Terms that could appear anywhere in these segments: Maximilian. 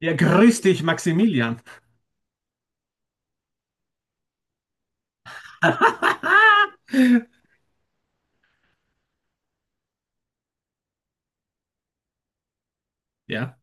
Ja, grüß dich, Maximilian. Ja.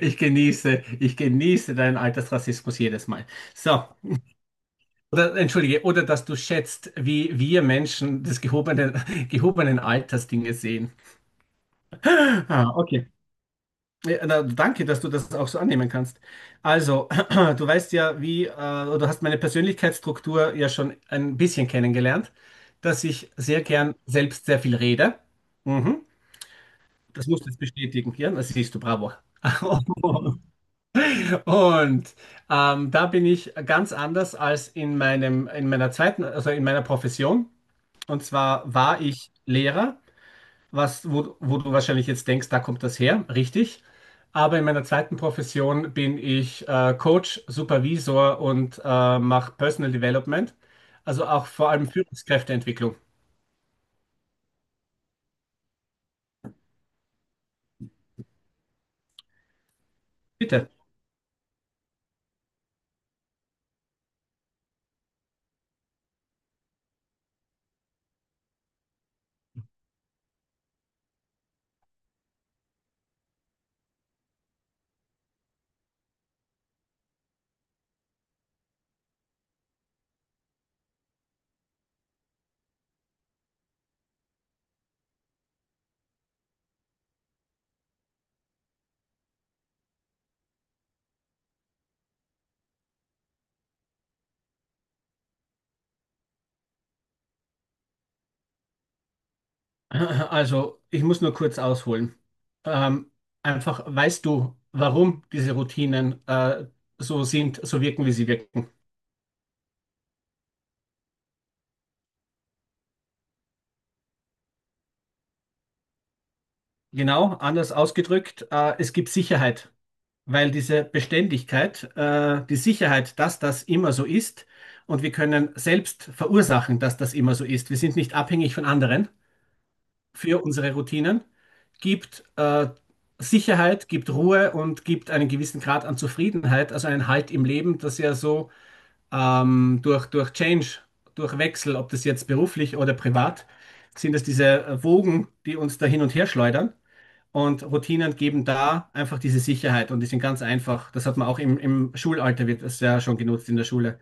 Ich genieße deinen Altersrassismus jedes Mal. So, oder, entschuldige, oder dass du schätzt, wie wir Menschen das gehobenen Alters Dinge sehen. Ah, okay. Ja, na, danke, dass du das auch so annehmen kannst. Also, du weißt ja, wie, oder du hast meine Persönlichkeitsstruktur ja schon ein bisschen kennengelernt, dass ich sehr gern selbst sehr viel rede. Mhm. Das musst du jetzt bestätigen, ja, das siehst du, bravo. Und da bin ich ganz anders als in meiner zweiten, also in meiner Profession. Und zwar war ich Lehrer, was, wo du wahrscheinlich jetzt denkst, da kommt das her, richtig. Aber in meiner zweiten Profession bin ich Coach, Supervisor und mache Personal Development, also auch vor allem Führungskräfteentwicklung. Bitte. Also, ich muss nur kurz ausholen. Ähm, Einfach, weißt du, warum diese Routinen so sind, so wirken, wie sie wirken? Genau, anders ausgedrückt, es gibt Sicherheit. Weil diese Beständigkeit, die Sicherheit, dass das immer so ist und wir können selbst verursachen, dass das immer so ist. Wir sind nicht abhängig von anderen für unsere Routinen, gibt Sicherheit, gibt Ruhe und gibt einen gewissen Grad an Zufriedenheit, also einen Halt im Leben, das ja so durch Change, durch Wechsel, ob das jetzt beruflich oder privat, sind es diese Wogen, die uns da hin und her schleudern. Und Routinen geben da einfach diese Sicherheit und die sind ganz einfach. Das hat man auch im Schulalter, wird das ja schon genutzt in der Schule.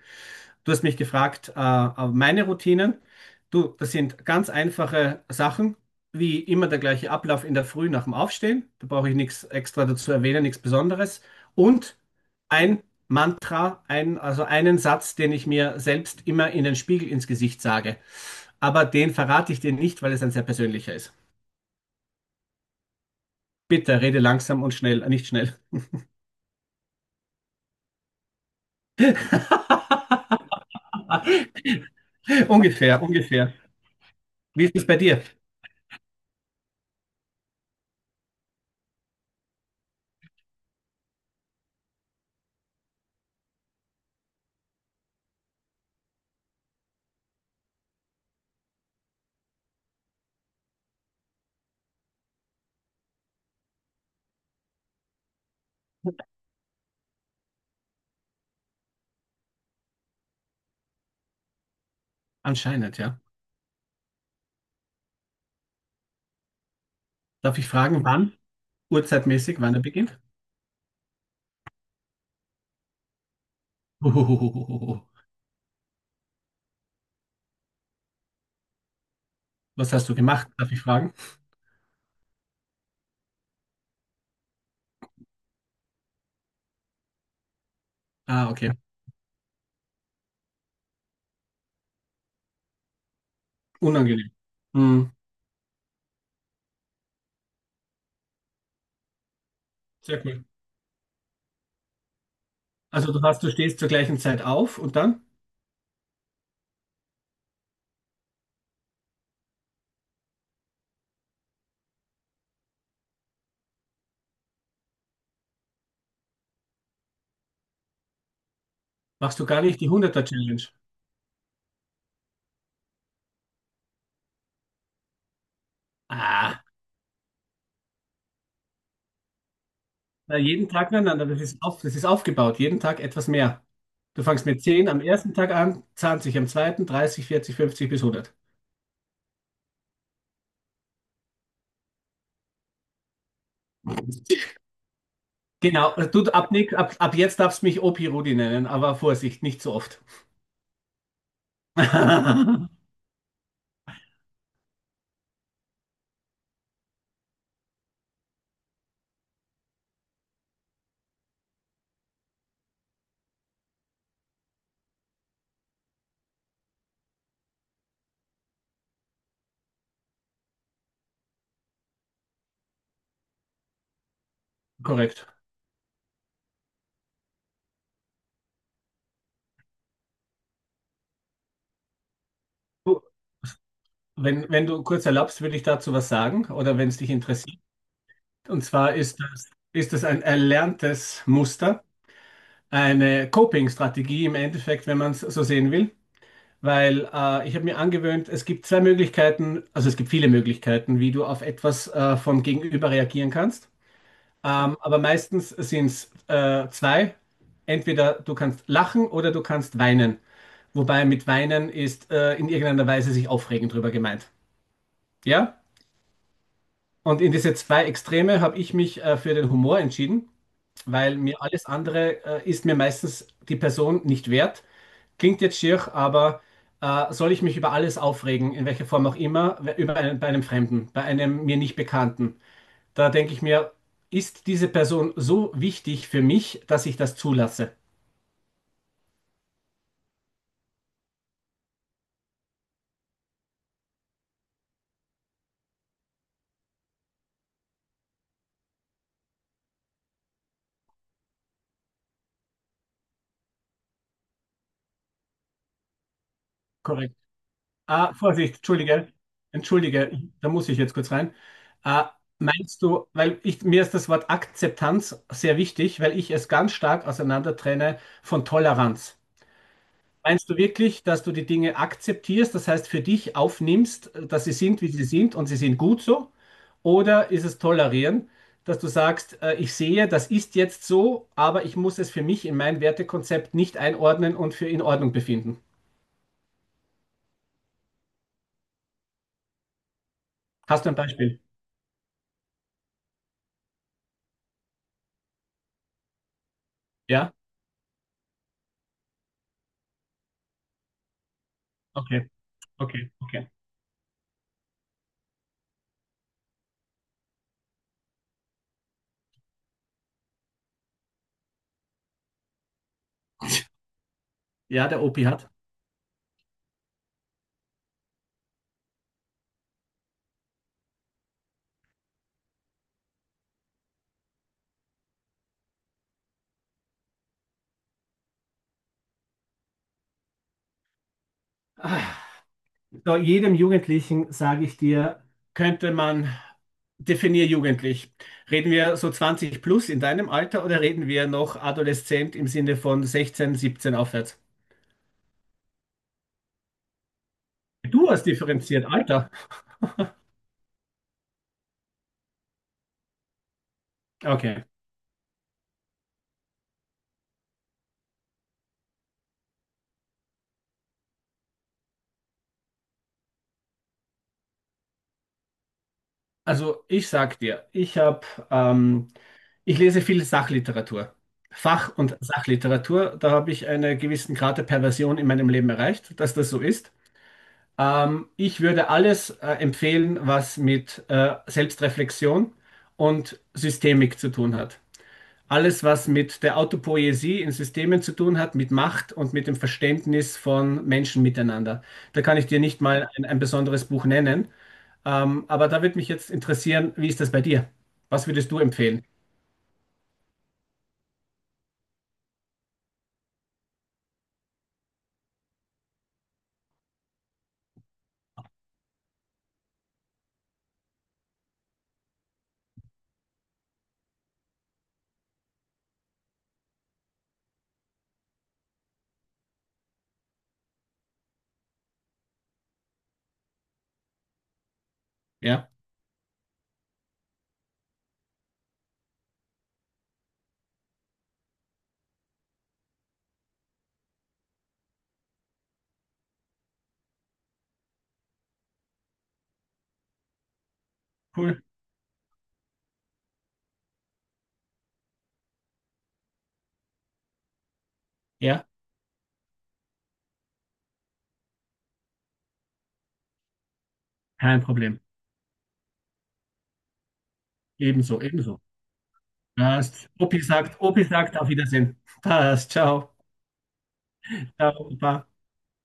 Du hast mich gefragt, meine Routinen. Du, das sind ganz einfache Sachen, wie immer der gleiche Ablauf in der Früh nach dem Aufstehen. Da brauche ich nichts extra dazu erwähnen, nichts Besonderes. Und ein Mantra, ein, also einen Satz, den ich mir selbst immer in den Spiegel ins Gesicht sage. Aber den verrate ich dir nicht, weil es ein sehr persönlicher ist. Bitte rede langsam und schnell, nicht schnell. Ungefähr, ungefähr. Wie ist es bei dir? Anscheinend, ja. Darf ich fragen, wann? Uhrzeitmäßig, wann er beginnt? Huhuhuhuhuhu. Was hast du gemacht? Darf ich fragen? Ah, okay. Unangenehm. Hm, sehr cool. Also du hast, du stehst zur gleichen Zeit auf und dann machst du gar nicht die hunderter challenge? Ah, na, jeden Tag, nein, nein, das ist auf, das ist aufgebaut. Jeden Tag etwas mehr. Du fangst mit 10 am ersten Tag an, 20 am zweiten, 30 40 50 bis hundert. Genau, du, ab, Nick- ab, ab jetzt darfst du mich Opi Rudi nennen, aber Vorsicht, nicht so oft. Korrekt. Du, wenn, wenn du kurz erlaubst, würde ich dazu was sagen, oder wenn es dich interessiert. Und zwar ist das ein erlerntes Muster, eine Coping-Strategie im Endeffekt, wenn man es so sehen will. Weil ich habe mir angewöhnt, es gibt zwei Möglichkeiten, also es gibt viele Möglichkeiten, wie du auf etwas vom Gegenüber reagieren kannst. Aber meistens sind es zwei. Entweder du kannst lachen oder du kannst weinen. Wobei mit weinen ist in irgendeiner Weise sich aufregen drüber gemeint. Ja? Und in diese zwei Extreme habe ich mich für den Humor entschieden, weil mir alles andere ist mir meistens die Person nicht wert. Klingt jetzt schier, aber soll ich mich über alles aufregen, in welcher Form auch immer, über einen, bei einem Fremden, bei einem mir nicht Bekannten? Da denke ich mir, ist diese Person so wichtig für mich, dass ich das zulasse? Korrekt. Ah, Vorsicht, entschuldige, entschuldige, da muss ich jetzt kurz rein. Ah, meinst du, weil ich, mir ist das Wort Akzeptanz sehr wichtig, weil ich es ganz stark auseinander trenne von Toleranz. Meinst du wirklich, dass du die Dinge akzeptierst, das heißt für dich aufnimmst, dass sie sind, wie sie sind und sie sind gut so? Oder ist es tolerieren, dass du sagst, ich sehe, das ist jetzt so, aber ich muss es für mich in mein Wertekonzept nicht einordnen und für in Ordnung befinden? Hast du ein Beispiel? Ja? Okay, okay, okay. Ja, der Opi hat. Ah. So, jedem Jugendlichen sage ich dir, könnte man, definier jugendlich. Reden wir so 20 plus in deinem Alter oder reden wir noch adoleszent im Sinne von 16, 17 aufwärts? Du hast differenziert, Alter. Okay. Also ich sag dir, ich habe, ähm, ich lese viel Sachliteratur. Fach- und Sachliteratur, da habe ich einen gewissen Grad der Perversion in meinem Leben erreicht, dass das so ist. Ich würde alles empfehlen, was mit Selbstreflexion und Systemik zu tun hat. Alles, was mit der Autopoiesie in Systemen zu tun hat, mit Macht und mit dem Verständnis von Menschen miteinander. Da kann ich dir nicht mal ein besonderes Buch nennen. Aber da würde mich jetzt interessieren, wie ist das bei dir? Was würdest du empfehlen? Ja, cool. Ja, kein Problem. Ebenso, ebenso. Passt. Opi sagt auf Wiedersehen. Passt. Ciao. Ciao, Opa.